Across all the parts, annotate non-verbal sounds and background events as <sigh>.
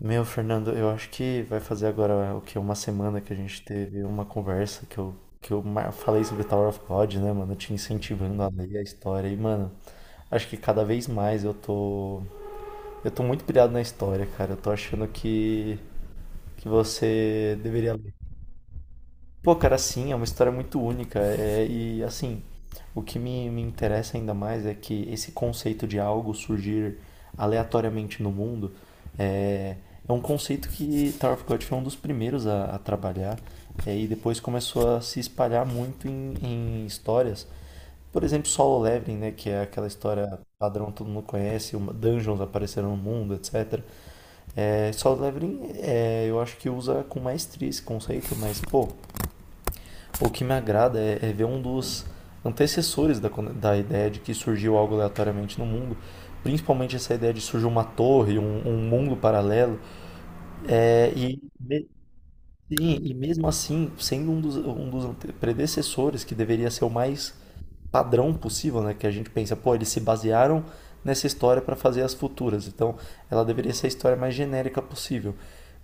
Meu, Fernando, eu acho que vai fazer agora o que? Uma semana que a gente teve uma conversa que falei sobre Tower of God, né, mano? Te incentivando a ler a história. E, mano, acho que cada vez mais eu tô. Eu tô muito pilhado na história, cara. Eu tô achando que você deveria ler. Pô, cara, sim, é uma história muito única. E assim, o que me interessa ainda mais é que esse conceito de algo surgir aleatoriamente no mundo é, é um conceito que Tower of God foi um dos primeiros a trabalhar. E depois começou a se espalhar muito em histórias. Por exemplo, Solo Leveling, né, que é aquela história padrão que todo mundo conhece, dungeons apareceram no mundo, etcétera. É, Solo Leveling, eu acho que usa com maestria esse conceito, mas, pô, o que me agrada é ver um dos antecessores da ideia de que surgiu algo aleatoriamente no mundo, principalmente essa ideia de surgir uma torre, um mundo paralelo, é, e, me- sim, e mesmo assim, sendo um dos predecessores que deveria ser o mais padrão possível, né, que a gente pensa, pô, eles se basearam nessa história para fazer as futuras, então ela deveria ser a história mais genérica possível.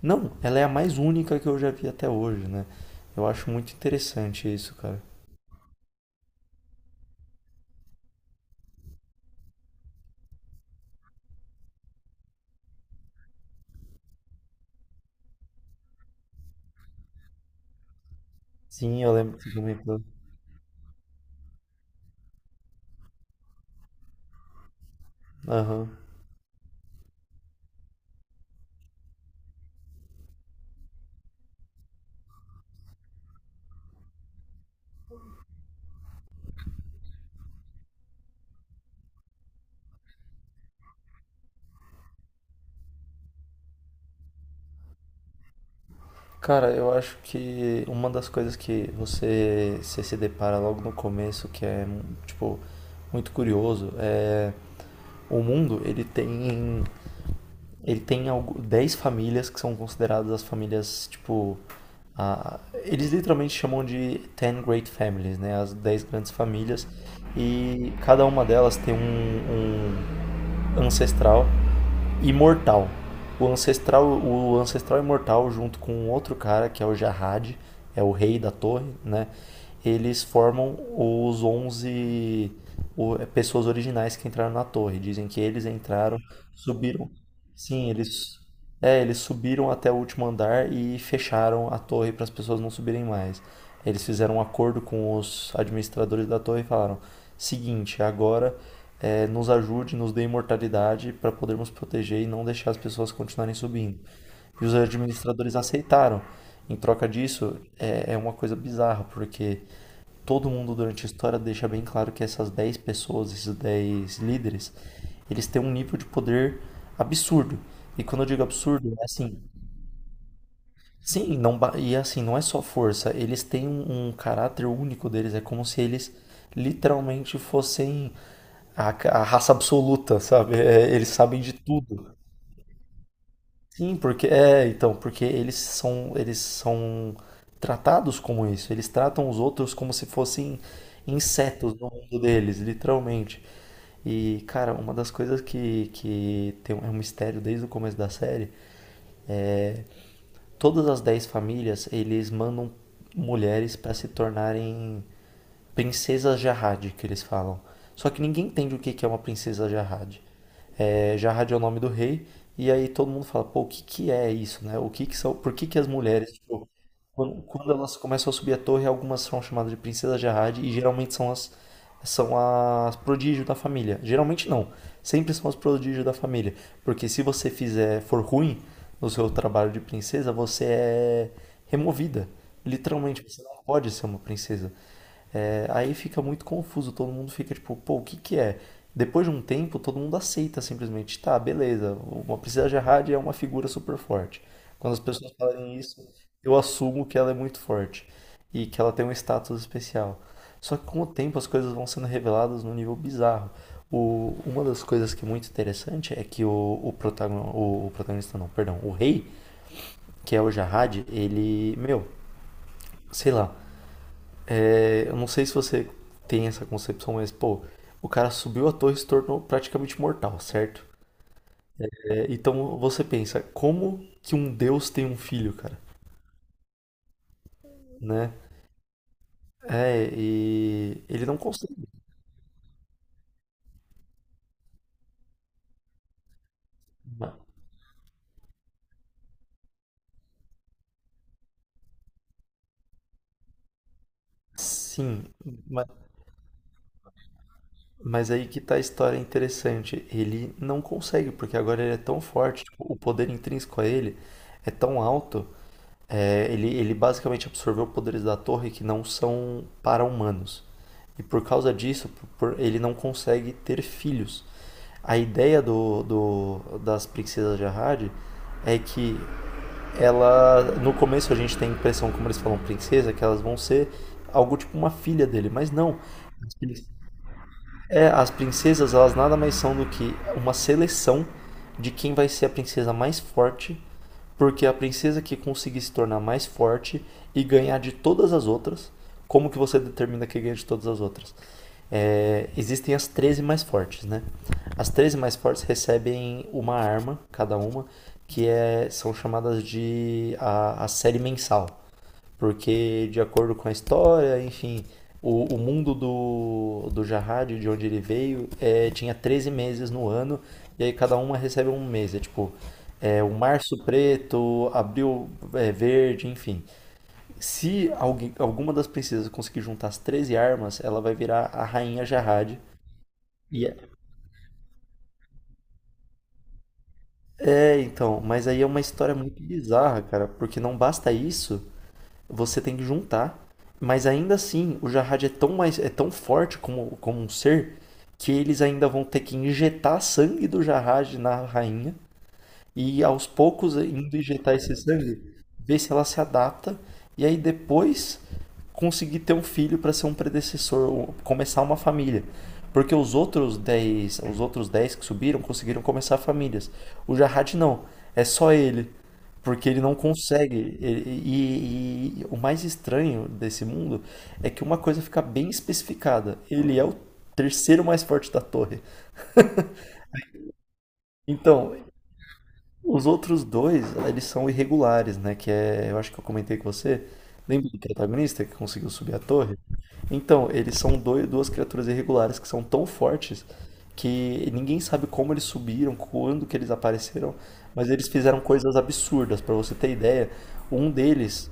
Não, ela é a mais única que eu já vi até hoje, né? Eu acho muito interessante isso, cara. Sim, eu lembro que você comentou. Aham. Cara, eu acho que uma das coisas que você se depara logo no começo, que é, tipo, muito curioso, é o mundo, ele tem algo, 10 famílias que são consideradas as famílias, tipo, eles literalmente chamam de Ten Great Families, né? As 10 grandes famílias. E cada uma delas tem um ancestral imortal. O ancestral imortal junto com um outro cara que é o Jarrad, é o rei da torre, né? Eles formam os 11 pessoas originais que entraram na torre. Dizem que eles entraram, subiram. Sim, eles subiram até o último andar e fecharam a torre para as pessoas não subirem mais. Eles fizeram um acordo com os administradores da torre e falaram: seguinte, agora nos ajude, nos dê imortalidade para podermos proteger e não deixar as pessoas continuarem subindo. E os administradores aceitaram. Em troca disso, é uma coisa bizarra, porque todo mundo durante a história deixa bem claro que essas 10 pessoas, esses 10 líderes, eles têm um nível de poder absurdo. E quando eu digo absurdo, é assim, sim, não, e assim, não é só força, eles têm um caráter único deles, é como se eles literalmente fossem a, a raça absoluta, sabe? É, eles sabem de tudo. Sim, porque é, então, porque eles são tratados como isso. Eles tratam os outros como se fossem insetos no mundo deles, literalmente. E, cara, uma das coisas que tem, é um mistério desde o começo da série, todas as 10 famílias, eles mandam mulheres para se tornarem princesas Jahad, que eles falam. Só que ninguém entende o que que é uma princesa Jahad. É, já Radionome do Rei, e aí todo mundo fala, pô, o que que é isso, né? O que que são, por que que as mulheres, tipo, quando elas começam a subir a torre, algumas são chamadas de princesas de Arrad e geralmente são as prodígio da família. Geralmente não, sempre são as prodígio da família, porque se você fizer for ruim no seu trabalho de princesa, você é removida. Literalmente, você não pode ser uma princesa. É, aí fica muito confuso, todo mundo fica tipo, pô, o que que é? Depois de um tempo, todo mundo aceita simplesmente, tá, beleza, uma princesa Jihad é uma figura super forte. Quando as pessoas falarem isso, eu assumo que ela é muito forte e que ela tem um status especial. Só que com o tempo as coisas vão sendo reveladas num nível bizarro. O, uma das coisas que é muito interessante é que o protagonista, não, perdão, o rei, que é o Jahad, ele, meu, sei lá, eu não sei se você tem essa concepção, mas, pô, o cara subiu a torre e se tornou praticamente mortal, certo? É, então você pensa, como que um deus tem um filho, cara? Né? É, e ele não consegue. Ma- Sim, ma- mas aí que tá a história interessante. Ele não consegue, porque agora ele é tão forte, tipo, o poder intrínseco a ele é tão alto. É, ele basicamente absorveu poderes da torre que não são para-humanos. E por causa disso, ele não consegue ter filhos. A ideia das princesas de Arrade é que ela. No começo a gente tem a impressão, como eles falam princesa, que elas vão ser algo tipo uma filha dele. Mas não. As as princesas, elas nada mais são do que uma seleção de quem vai ser a princesa mais forte, porque a princesa que conseguir se tornar mais forte e ganhar de todas as outras, como que você determina que ganha de todas as outras? É, existem as 13 mais fortes, né? As 13 mais fortes recebem uma arma, cada uma, que é, são chamadas de a série mensal. Porque, de acordo com a história, enfim, o mundo do Jahad, de onde ele veio, é, tinha 13 meses no ano, e aí cada uma recebe um mês. É tipo, é, o março preto, abril é, verde, enfim. Se alguém, alguma das princesas conseguir juntar as 13 armas, ela vai virar a rainha Jahad. E é, então, mas aí é uma história muito bizarra, cara, porque não basta isso, você tem que juntar. Mas ainda assim, o Jahad é tão mais é tão forte como, como um ser que eles ainda vão ter que injetar sangue do Jahad na rainha e aos poucos indo injetar esse sangue, ver se ela se adapta e aí depois conseguir ter um filho para ser um predecessor, ou começar uma família. Porque os outros 10 que subiram conseguiram começar famílias. O Jarrad não, é só ele. Porque ele não consegue. E o mais estranho desse mundo é que uma coisa fica bem especificada. Ele é o terceiro mais forte da torre. Então, os outros dois, eles são irregulares, né? Que é, eu acho que eu comentei com você. Lembra do protagonista que conseguiu subir a torre? Então, duas criaturas irregulares que são tão fortes que ninguém sabe como eles subiram, quando que eles apareceram, mas eles fizeram coisas absurdas. Pra você ter ideia, um deles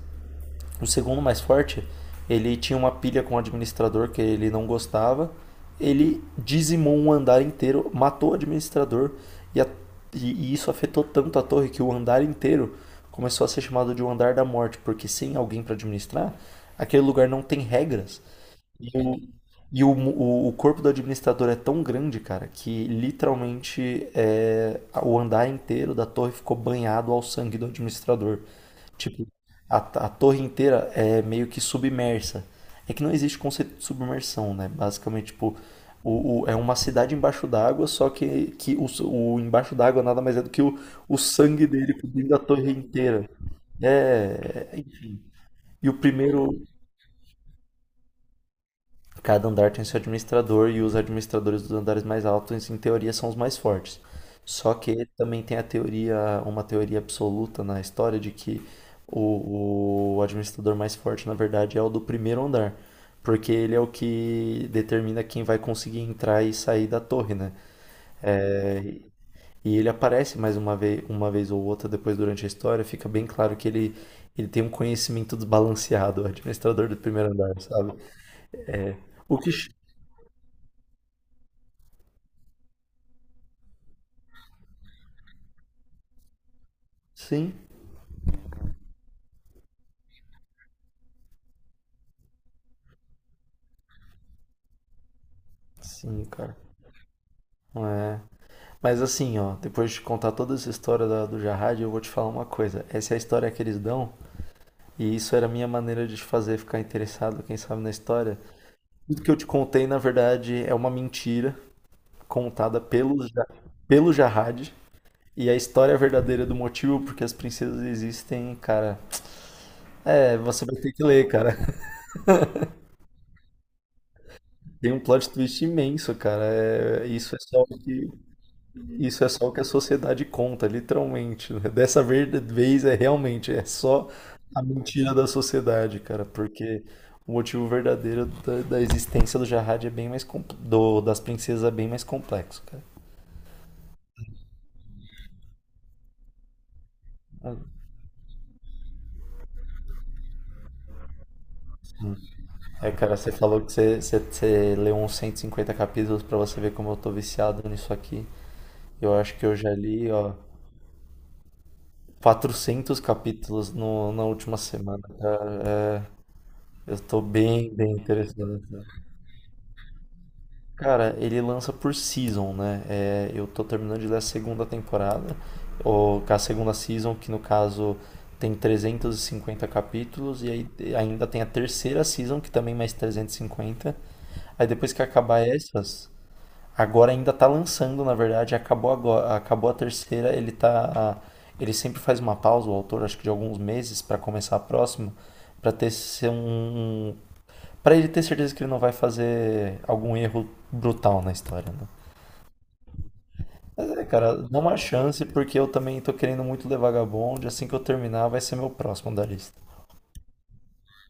o segundo mais forte, ele tinha uma pilha com o administrador que ele não gostava. Ele dizimou um andar inteiro, matou o administrador e, a- e isso afetou tanto a torre que o andar inteiro começou a ser chamado de o andar da morte, porque sem alguém para administrar, aquele lugar não tem regras. E o, e o corpo do administrador é tão grande, cara, que literalmente é, o andar inteiro da torre ficou banhado ao sangue do administrador. Tipo, a torre inteira é meio que submersa. É que não existe conceito de submersão, né? Basicamente, tipo, é uma cidade embaixo d'água, só que o embaixo d'água nada mais é do que o sangue dele cobrindo a torre inteira. É. E o primeiro. Cada andar tem seu administrador e os administradores dos andares mais altos, em teoria, são os mais fortes. Só que também tem a teoria, uma teoria absoluta na história de que o administrador mais forte, na verdade, é o do primeiro andar, porque ele é o que determina quem vai conseguir entrar e sair da torre, né? É, e ele aparece mais uma vez ou outra depois durante a história, fica bem claro que ele tem um conhecimento desbalanceado, o administrador do primeiro andar, sabe? O que, ch- sim, Sim, cara. É. Mas assim, ó, depois de contar toda essa história do Jarrad, eu vou te falar uma coisa. Essa é a história que eles dão, e isso era a minha maneira de te fazer ficar interessado, quem sabe, na história. Tudo que eu te contei, na verdade, é uma mentira contada pelo Jarrad. E a história é verdadeira do motivo porque as princesas existem, cara. É, você vai ter que ler, cara. <laughs> Tem um plot twist imenso, cara. É, isso é só o que. Isso é só o que a sociedade conta, literalmente. Né? Dessa vez é realmente, é só a mentira da sociedade, cara, porque o motivo verdadeiro da existência do Jahad é bem mais das princesas é bem mais complexo, cara. É, cara, você falou que você leu uns 150 capítulos pra você ver como eu tô viciado nisso aqui. Eu acho que eu já li, ó, 400 capítulos no, na última semana. Eu tô bem, bem interessado. Cara, ele lança por season, né? É, eu tô terminando de ler a segunda temporada, ou a segunda season, que no caso tem 350 capítulos, e aí ainda tem a terceira season, que também mais 350. Aí depois que acabar essas, agora ainda tá lançando, na verdade, acabou agora, acabou a terceira, ele tá. Ele sempre faz uma pausa, o autor, acho que de alguns meses, pra começar a próxima, pra ter ser um um pra ele ter certeza que ele não vai fazer algum erro brutal na história, né? Mas é, cara, dá uma chance, porque eu também tô querendo muito ler Vagabond. Assim que eu terminar, vai ser meu próximo da lista.